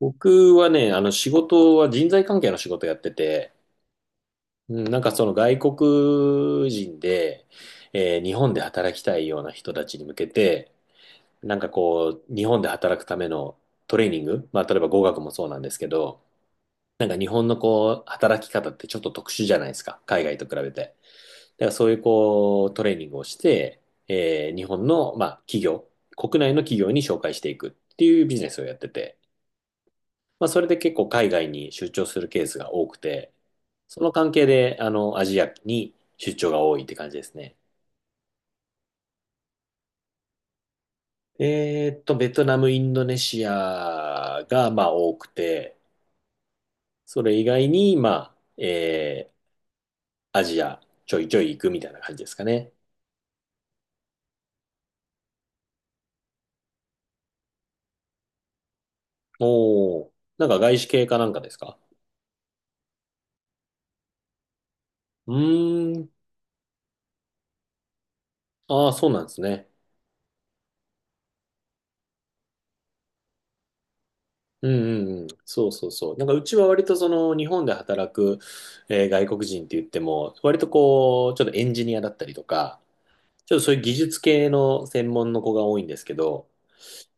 僕はね、あの仕事は人材関係の仕事やってて、うんなんかその外国人で、日本で働きたいような人たちに向けて、なんかこう、日本で働くためのトレーニング、まあ例えば語学もそうなんですけど、なんか日本のこう、働き方ってちょっと特殊じゃないですか、海外と比べて。だからそういうこう、トレーニングをして、日本の、まあ企業、国内の企業に紹介していくっていうビジネスをやってて、まあ、それで結構海外に出張するケースが多くて、その関係で、あの、アジアに出張が多いって感じですね。ベトナム、インドネシアが、まあ、多くて、それ以外に、まあ、アジアちょいちょい行くみたいな感じですかね。おー、なんか外資系かなんかですか？うーん、ああ、そうなんですね。うんうんうん、そうそうそう。なんかうちは割とその日本で働く、外国人って言っても、割とこう、ちょっとエンジニアだったりとか、ちょっとそういう技術系の専門の子が多いんですけど、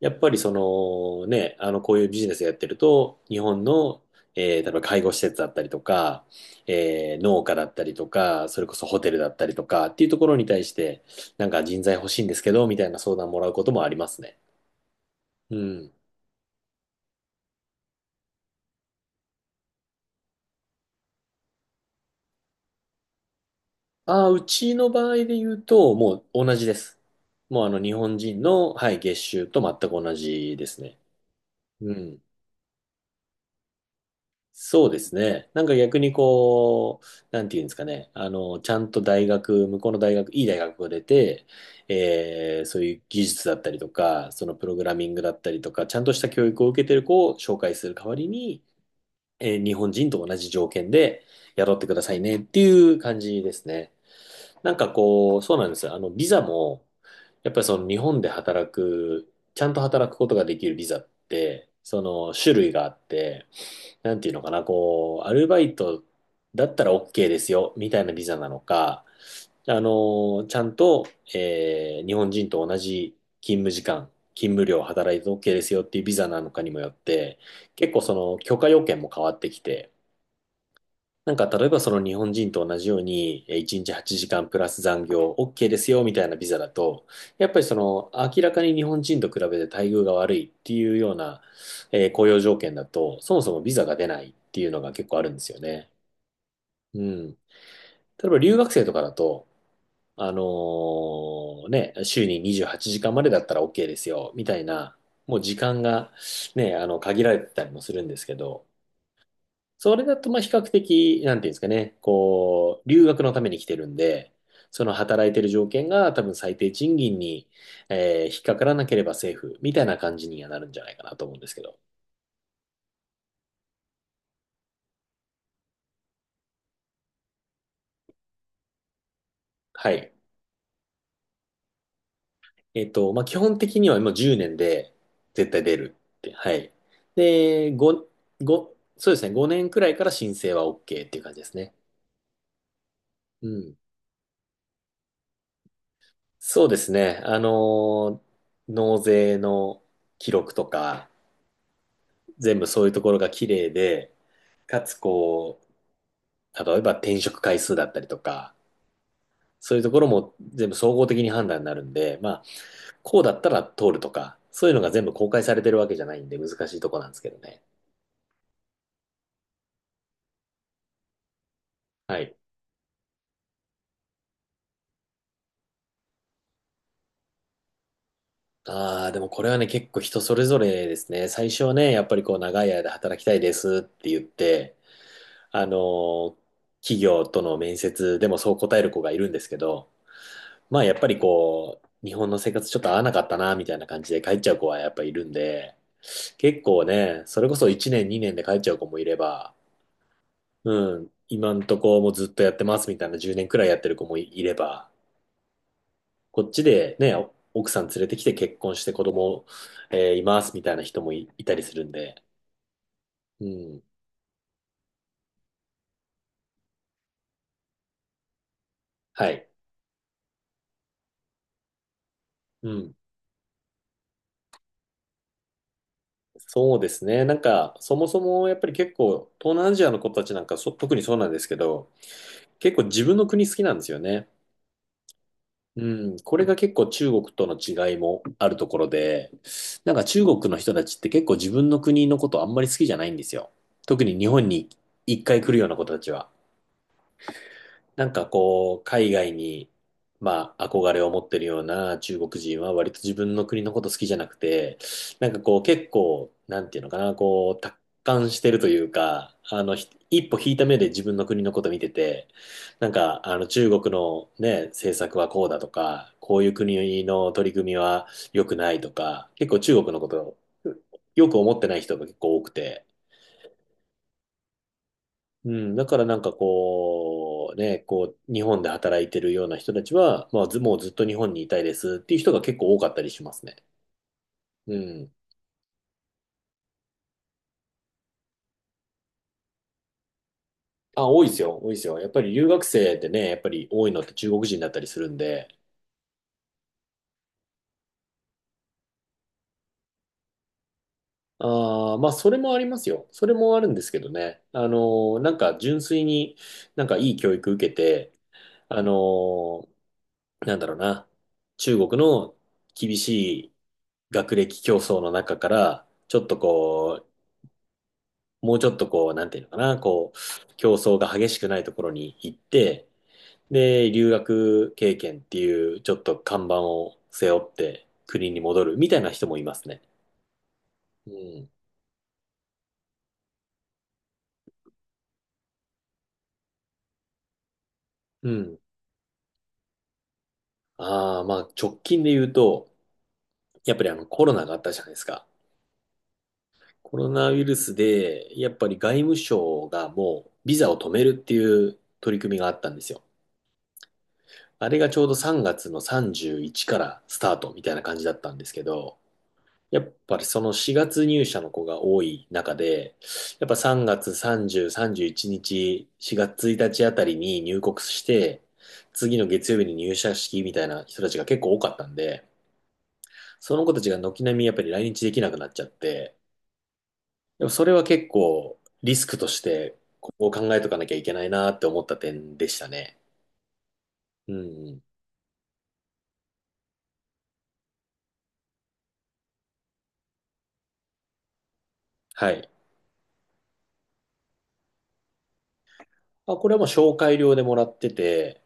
やっぱりそのね、あのこういうビジネスやってると、日本の、例えば介護施設だったりとか、農家だったりとか、それこそホテルだったりとかっていうところに対して、なんか人材欲しいんですけど、みたいな相談もらうこともありますね。うん。ああ、うちの場合で言うと、もう同じです。もうあの日本人の、はい、月収と全く同じですね。うん。そうですね。なんか逆にこう、なんていうんですかね。あの、ちゃんと大学、向こうの大学、いい大学が出て、そういう技術だったりとか、そのプログラミングだったりとか、ちゃんとした教育を受けてる子を紹介する代わりに、日本人と同じ条件で雇ってくださいねっていう感じですね。なんかこう、そうなんですよ。あの、ビザも、やっぱりその日本で働く、ちゃんと働くことができるビザって、その種類があって、なんていうのかな、こう、アルバイトだったら OK ですよ、みたいなビザなのか、あの、ちゃんと、日本人と同じ勤務時間、勤務量働いて OK ですよっていうビザなのかにもよって、結構その許可要件も変わってきて、なんか、例えばその日本人と同じように、1日8時間プラス残業 OK ですよ、みたいなビザだと、やっぱりその、明らかに日本人と比べて待遇が悪いっていうような、雇用条件だと、そもそもビザが出ないっていうのが結構あるんですよね。うん。例えば留学生とかだと、あの週に28時間までだったら OK ですよ、みたいな、もう時間がね、限られてたりもするんですけど、それだと、まあ、比較的、なんていうんですかね、こう、留学のために来てるんで、その働いてる条件が多分最低賃金に、引っかからなければセーフ、みたいな感じにはなるんじゃないかなと思うんですけど。はい。まあ、基本的にはもう10年で絶対出るって。はい。で、5、5、そうですね、5年くらいから申請は OK っていう感じですね。うん。そうですね。納税の記録とか、全部そういうところが綺麗で、かつこう、例えば転職回数だったりとか、そういうところも全部総合的に判断になるんで、まあ、こうだったら通るとか、そういうのが全部公開されてるわけじゃないんで難しいとこなんですけどね。はい。ああ、でもこれはね、結構人それぞれですね。最初はね、やっぱりこう長い間働きたいですって言って、あのー企業との面接でもそう答える子がいるんですけど、まあやっぱりこう、日本の生活ちょっと合わなかったな、みたいな感じで帰っちゃう子はやっぱいるんで、結構ね、それこそ1年2年で帰っちゃう子もいれば、うん、今んとこもうずっとやってますみたいな10年くらいやってる子もいれば、こっちでね、お奥さん連れてきて結婚して子供、いますみたいな人もいたりするんで、うん、はい、うん。そうですね。なんか、そもそもやっぱり結構、東南アジアの子たちなんか特にそうなんですけど、結構自分の国好きなんですよね。うん、これが結構中国との違いもあるところで、なんか中国の人たちって結構自分の国のことあんまり好きじゃないんですよ。特に日本に一回来るような子たちは。なんかこう、海外に、まあ、憧れを持ってるような中国人は割と自分の国のこと好きじゃなくて、なんかこう、結構、なんていうのかな、こう、達観してるというか、あの、一歩引いた目で自分の国のこと見てて、なんか、あの、中国のね、政策はこうだとか、こういう国の取り組みは良くないとか、結構中国のことをよく思ってない人が結構多くて、うん、だからなんかこう、ね、こう、日本で働いてるような人たちは、まあ、ず、もうずっと日本にいたいですっていう人が結構多かったりしますね。うん。あ、多いですよ、多いですよ。やっぱり留学生ってね、やっぱり多いのって中国人だったりするんで、ああ、まあ、それもありますよ。それもあるんですけどね。なんか純粋になんかいい教育受けて、あのーなんだろうな、中国の厳しい学歴競争の中から、ちょっとこもうちょっとこう、なんていうのかな、こう、競争が激しくないところに行って、で、留学経験っていう、ちょっと看板を背負って国に戻るみたいな人もいますね。うん。うん。ああ、まあ、直近で言うと、やっぱりコロナがあったじゃないですか。コロナウイルスで、やっぱり外務省がもう、ビザを止めるっていう取り組みがあったんですよ。あれがちょうど3月の31からスタートみたいな感じだったんですけど、やっぱりその4月入社の子が多い中で、やっぱ3月30、31日、4月1日あたりに入国して、次の月曜日に入社式みたいな人たちが結構多かったんで、その子たちが軒並みやっぱり来日できなくなっちゃって、でもそれは結構リスクとしてここを考えとかなきゃいけないなって思った点でしたね。うん。はい。あ、これはもう紹介料でもらってて、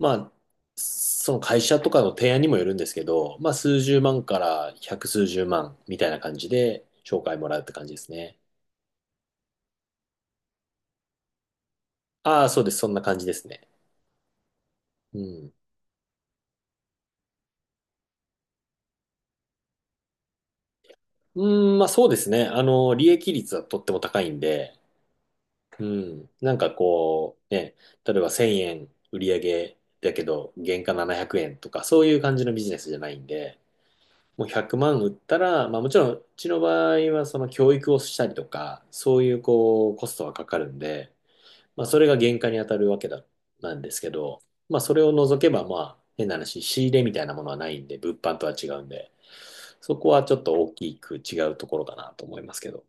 まあ、その会社とかの提案にもよるんですけど、まあ、数十万から百数十万みたいな感じで紹介もらうって感じですね。ああ、そうです。そんな感じですね。うん。うん、まあそうですね。利益率はとっても高いんで、うん。なんかこう、ね、例えば1000円売り上げだけど、原価700円とか、そういう感じのビジネスじゃないんで、もう100万売ったら、まあもちろん、うちの場合はその教育をしたりとか、そういうこう、コストがかかるんで、まあ、それが原価に当たるわけだ、なんですけど、まあ、それを除けば、まあ、変な話、仕入れみたいなものはないんで、物販とは違うんで、そこはちょっと大きく違うところかなと思いますけど、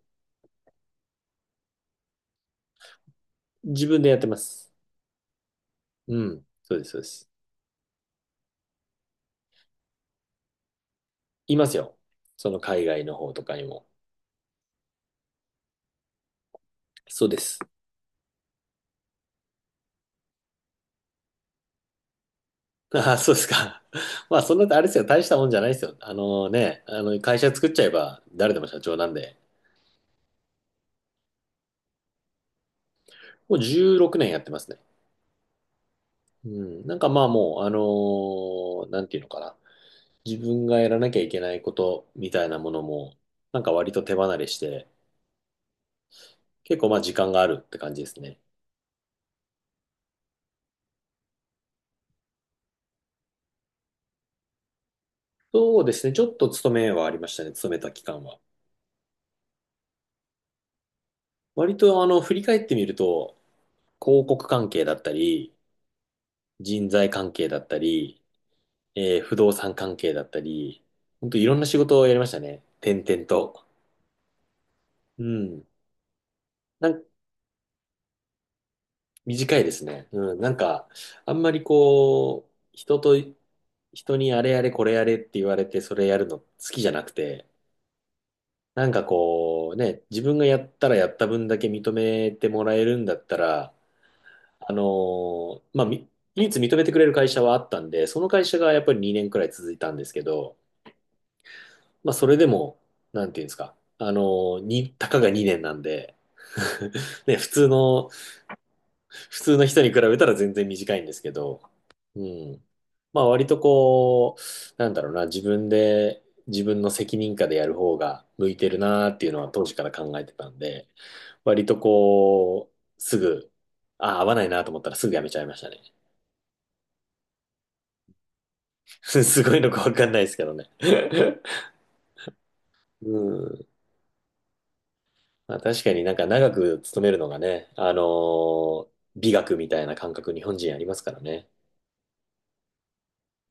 自分でやってます。うん、そうです、そうです。いますよ。その海外の方とかにも。そうです。ああ、そうですか。まあ、そんな、あれですよ、大したもんじゃないですよ。あのね、会社作っちゃえば、誰でも社長なんで、もう16年やってますね。うん、なんかまあもう、なんていうのかな。自分がやらなきゃいけないことみたいなものも、なんか割と手離れして、結構まあ時間があるって感じですね。そうですね。ちょっと勤めはありましたね。勤めた期間は。割と振り返ってみると、広告関係だったり、人材関係だったり、不動産関係だったり、本当いろんな仕事をやりましたね。転々と。うん。なん短いですね。うん、なんか、あんまりこう、人と、人にあれやれこれやれって言われてそれやるの好きじゃなくて、なんかこう、ね、自分がやったらやった分だけ認めてもらえるんだったら、まあ、唯一認めてくれる会社はあったんで、その会社がやっぱり2年くらい続いたんですけど、まあ、それでも、なんていうんですか、あのーに、たかが2年なんで、ね、普通の人に比べたら全然短いんですけど、うん。まあ割とこう、なんだろうな、自分の責任下でやる方が向いてるなーっていうのは当時から考えてたんで、割とこう、すぐ、ああ、合わないなと思ったらすぐやめちゃいましたね。すごいのかわかんないですけどね。うん。まあ確かになんか長く勤めるのがね、ー美学みたいな感覚日本人ありますからね。